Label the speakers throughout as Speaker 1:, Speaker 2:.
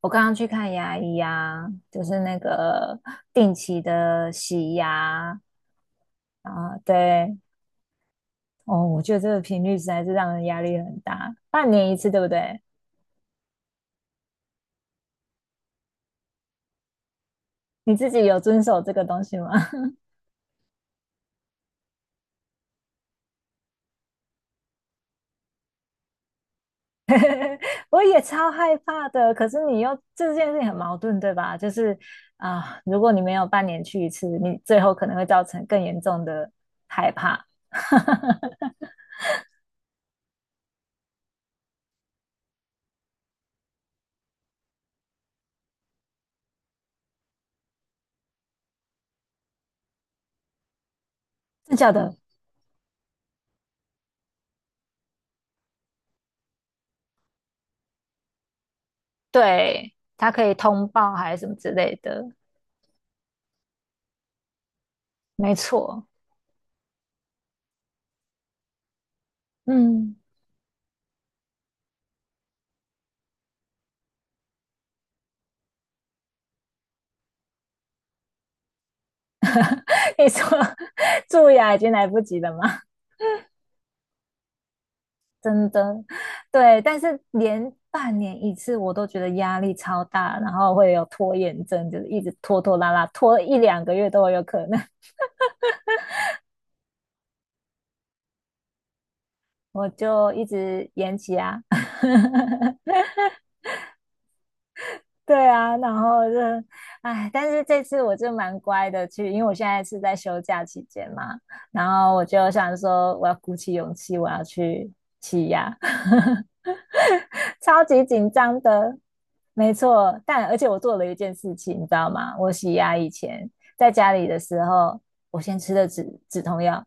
Speaker 1: 我刚刚去看牙医啊，就是那个定期的洗牙啊，对，哦，我觉得这个频率实在是让人压力很大，半年一次，对不对？你自己有遵守这个东西吗？我也超害怕的，可是你又这件事情很矛盾，对吧？就是啊，如果你没有半年去一次，你最后可能会造成更严重的害怕。真假的？对，它可以通报还是什么之类的，没错。嗯，你说 蛀牙已经来不及了吗？真的，对，但是连半年一次我都觉得压力超大，然后会有拖延症，就是一直拖拖拉拉，拖一两个月都有可能，我就一直延期啊。对啊，然后就，哎，但是这次我就蛮乖的去，因为我现在是在休假期间嘛，然后我就想说，我要鼓起勇气，我要去洗牙。超级紧张的，没错。但而且我做了一件事情，你知道吗？我洗牙以前在家里的时候，我先吃的止痛药，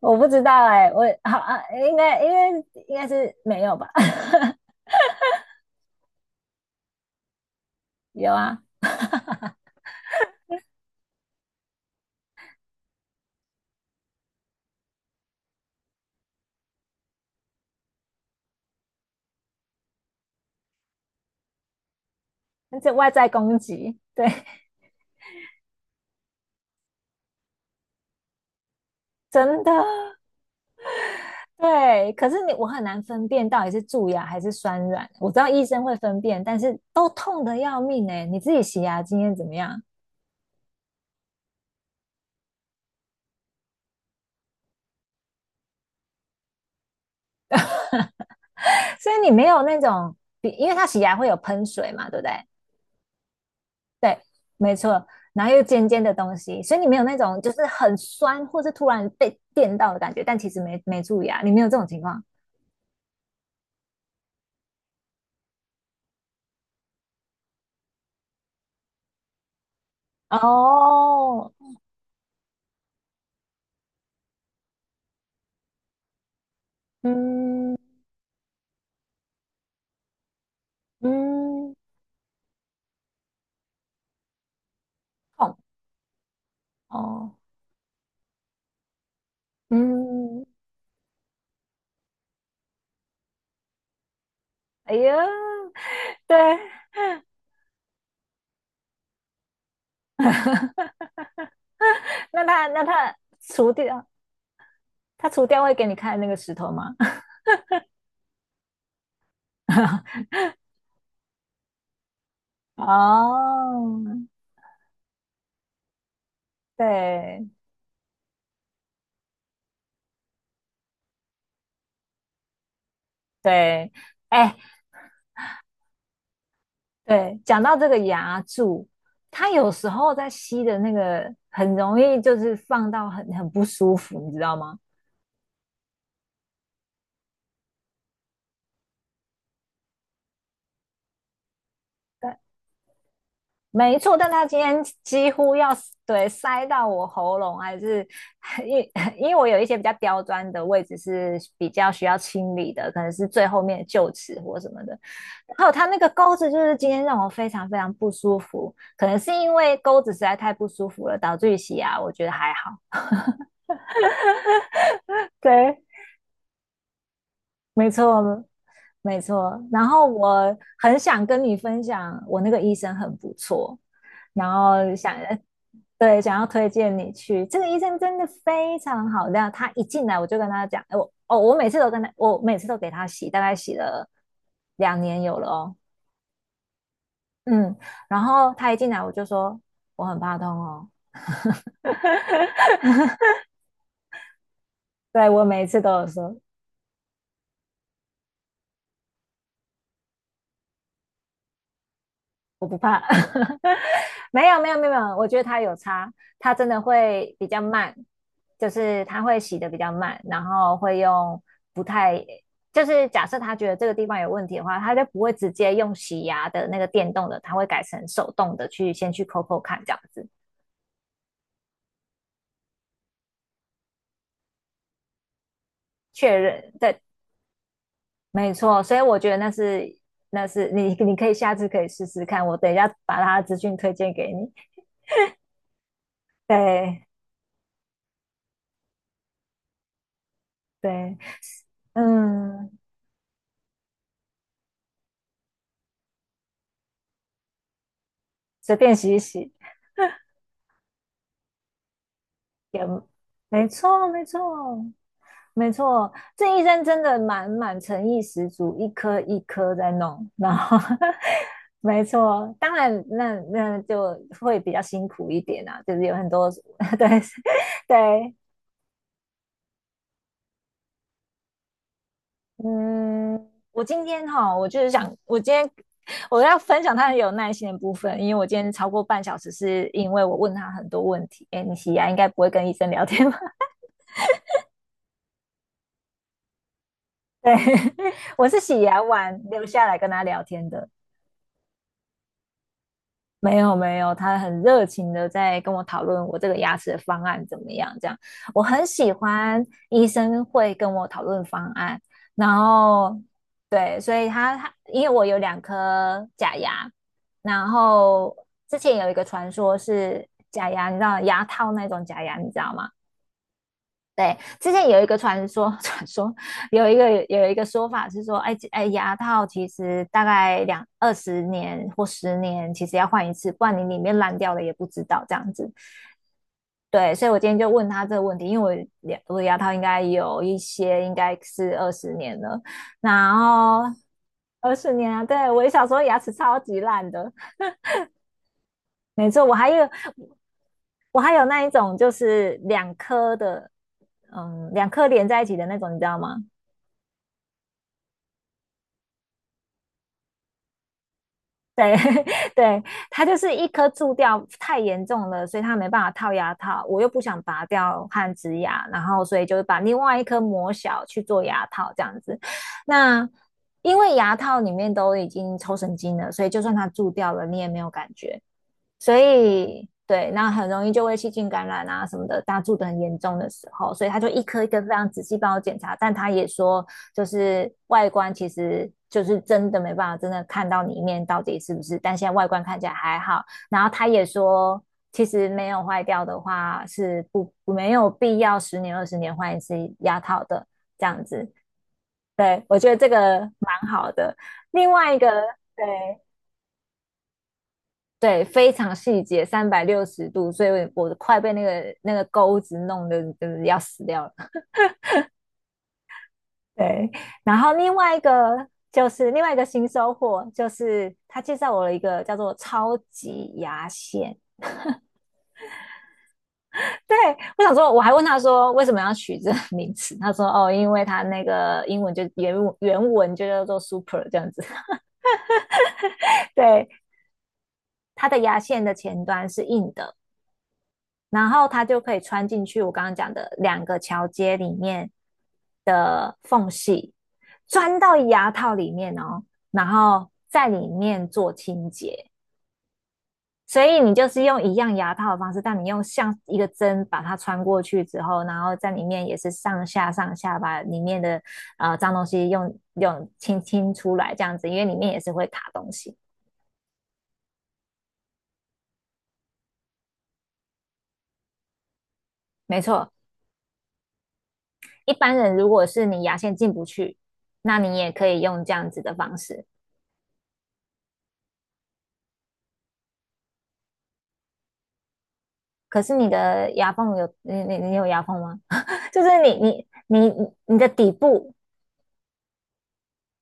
Speaker 1: 我不知道哎、我好啊，应该应该应该是没有吧？有啊，这外在攻击，对，真的。对，可是你我很难分辨到底是蛀牙还是酸软。我知道医生会分辨，但是都痛得要命哎、你自己洗牙经验怎么样？所以你没有那种，因为他洗牙会有喷水嘛，对不对？对，没错，然后又尖尖的东西，所以你没有那种就是很酸或是突然被电到的感觉，但其实没注意啊，你没有这种情况。哦，嗯嗯，痛哦，嗯，哎呀，对，那他那他除掉他除掉会给你看那个石头吗？哦，对对，哎、对，讲到这个牙柱，它有时候在吸的那个很容易就是放到很不舒服，你知道吗？对，没错，但它今天几乎要对塞到我喉咙，还是 因为因为我有一些比较刁钻的位置是比较需要清理的，可能是最后面的臼齿或什么的。还有它那个钩子，就是今天让我非常非常不舒服，可能是因为钩子实在太不舒服了，导致于洗牙，我觉得还好。对，没错，没错。然后我很想跟你分享，我那个医生很不错，然后想，对，想要推荐你去。这个医生真的非常好料，他一进来我就跟他讲，哎，我哦，我每次都跟他，我每次都给他洗，大概洗了2年有了哦，嗯。然后他一进来我就说我很怕痛哦，对，我每一次都有说，我不怕，没有没有没有没有，我觉得它有差，它真的会比较慢，就是它会洗的比较慢，然后会用不太，就是假设他觉得这个地方有问题的话，他就不会直接用洗牙的那个电动的，他会改成手动的去先去抠抠看这样子确认，对，没错，所以我觉得那是你可以下次可以试试看，我等一下把他的资讯推荐给你，对对，嗯，随便洗一洗。也没错，没错，没错。这医生真的蛮诚意十足，一颗一颗在弄，然后 没错，当然那就会比较辛苦一点啊，就是有很多 对对，嗯，我今天哈，我就是想，我今天我要分享他很有耐心的部分，因为我今天超过半小时，是因为我问他很多问题。哎，你洗牙应该不会跟医生聊天吧？对，我是洗牙完留下来跟他聊天的。没有没有，他很热情的在跟我讨论我这个牙齿的方案怎么样，这样我很喜欢医生会跟我讨论方案，然后对，所以他因为我有两颗假牙，然后之前有一个传说是假牙，你知道牙套那种假牙，你知道吗？对，之前有一个传说，传说有一个说法是说，哎哎，牙套其实大概二十年或十年，其实要换一次，不然你里面烂掉了也不知道这样子。对，所以我今天就问他这个问题，因为我的牙套应该有一些应该是二十年了，然后二十年啊，对，我小时候牙齿超级烂的，没错，我还有那一种就是两颗的，嗯，两颗连在一起的那种，你知道吗？对 对，它就是一颗蛀掉太严重了，所以它没办法套牙套，我又不想拔掉和植牙，然后所以就是把另外一颗磨小去做牙套这样子。那因为牙套里面都已经抽神经了，所以就算它蛀掉了，你也没有感觉。所以对，那很容易就会细菌感染啊什么的，大家住得很严重的时候，所以他就一颗一颗非常仔细帮我检查，但他也说，就是外观其实就是真的没办法真的看到里面到底是不是，但现在外观看起来还好，然后他也说。其实没有坏掉的话，是不没有必要十年二十年换一次牙套的这样子。对，我觉得这个蛮好的。另外一个，对，对，非常细节，360度，所以我快被那个钩子弄得就是要死掉了。对，然后另外一个新收获，就是他介绍我了一个叫做超级牙线。对，我想说，我还问他说为什么要取这个名词，他说哦，因为他那个英文就原文就叫做 super 这样子。对，它的牙线的前端是硬的，然后它就可以穿进去我刚刚讲的两个桥接里面的缝隙，钻到牙套里面哦，然后在里面做清洁。所以你就是用一样牙套的方式，但你用像一个针把它穿过去之后，然后在里面也是上下上下把里面的脏东西用清出来这样子，因为里面也是会卡东西。没错，一般人如果是你牙线进不去，那你也可以用这样子的方式。可是你有牙缝吗？就是你的底部，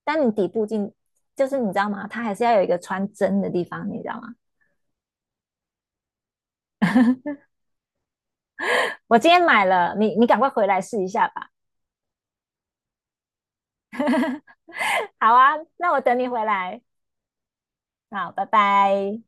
Speaker 1: 但你底部进就是你知道吗？它还是要有一个穿针的地方，你知道吗？我今天买了，你赶快回来试一下吧。好啊，那我等你回来。好，拜拜。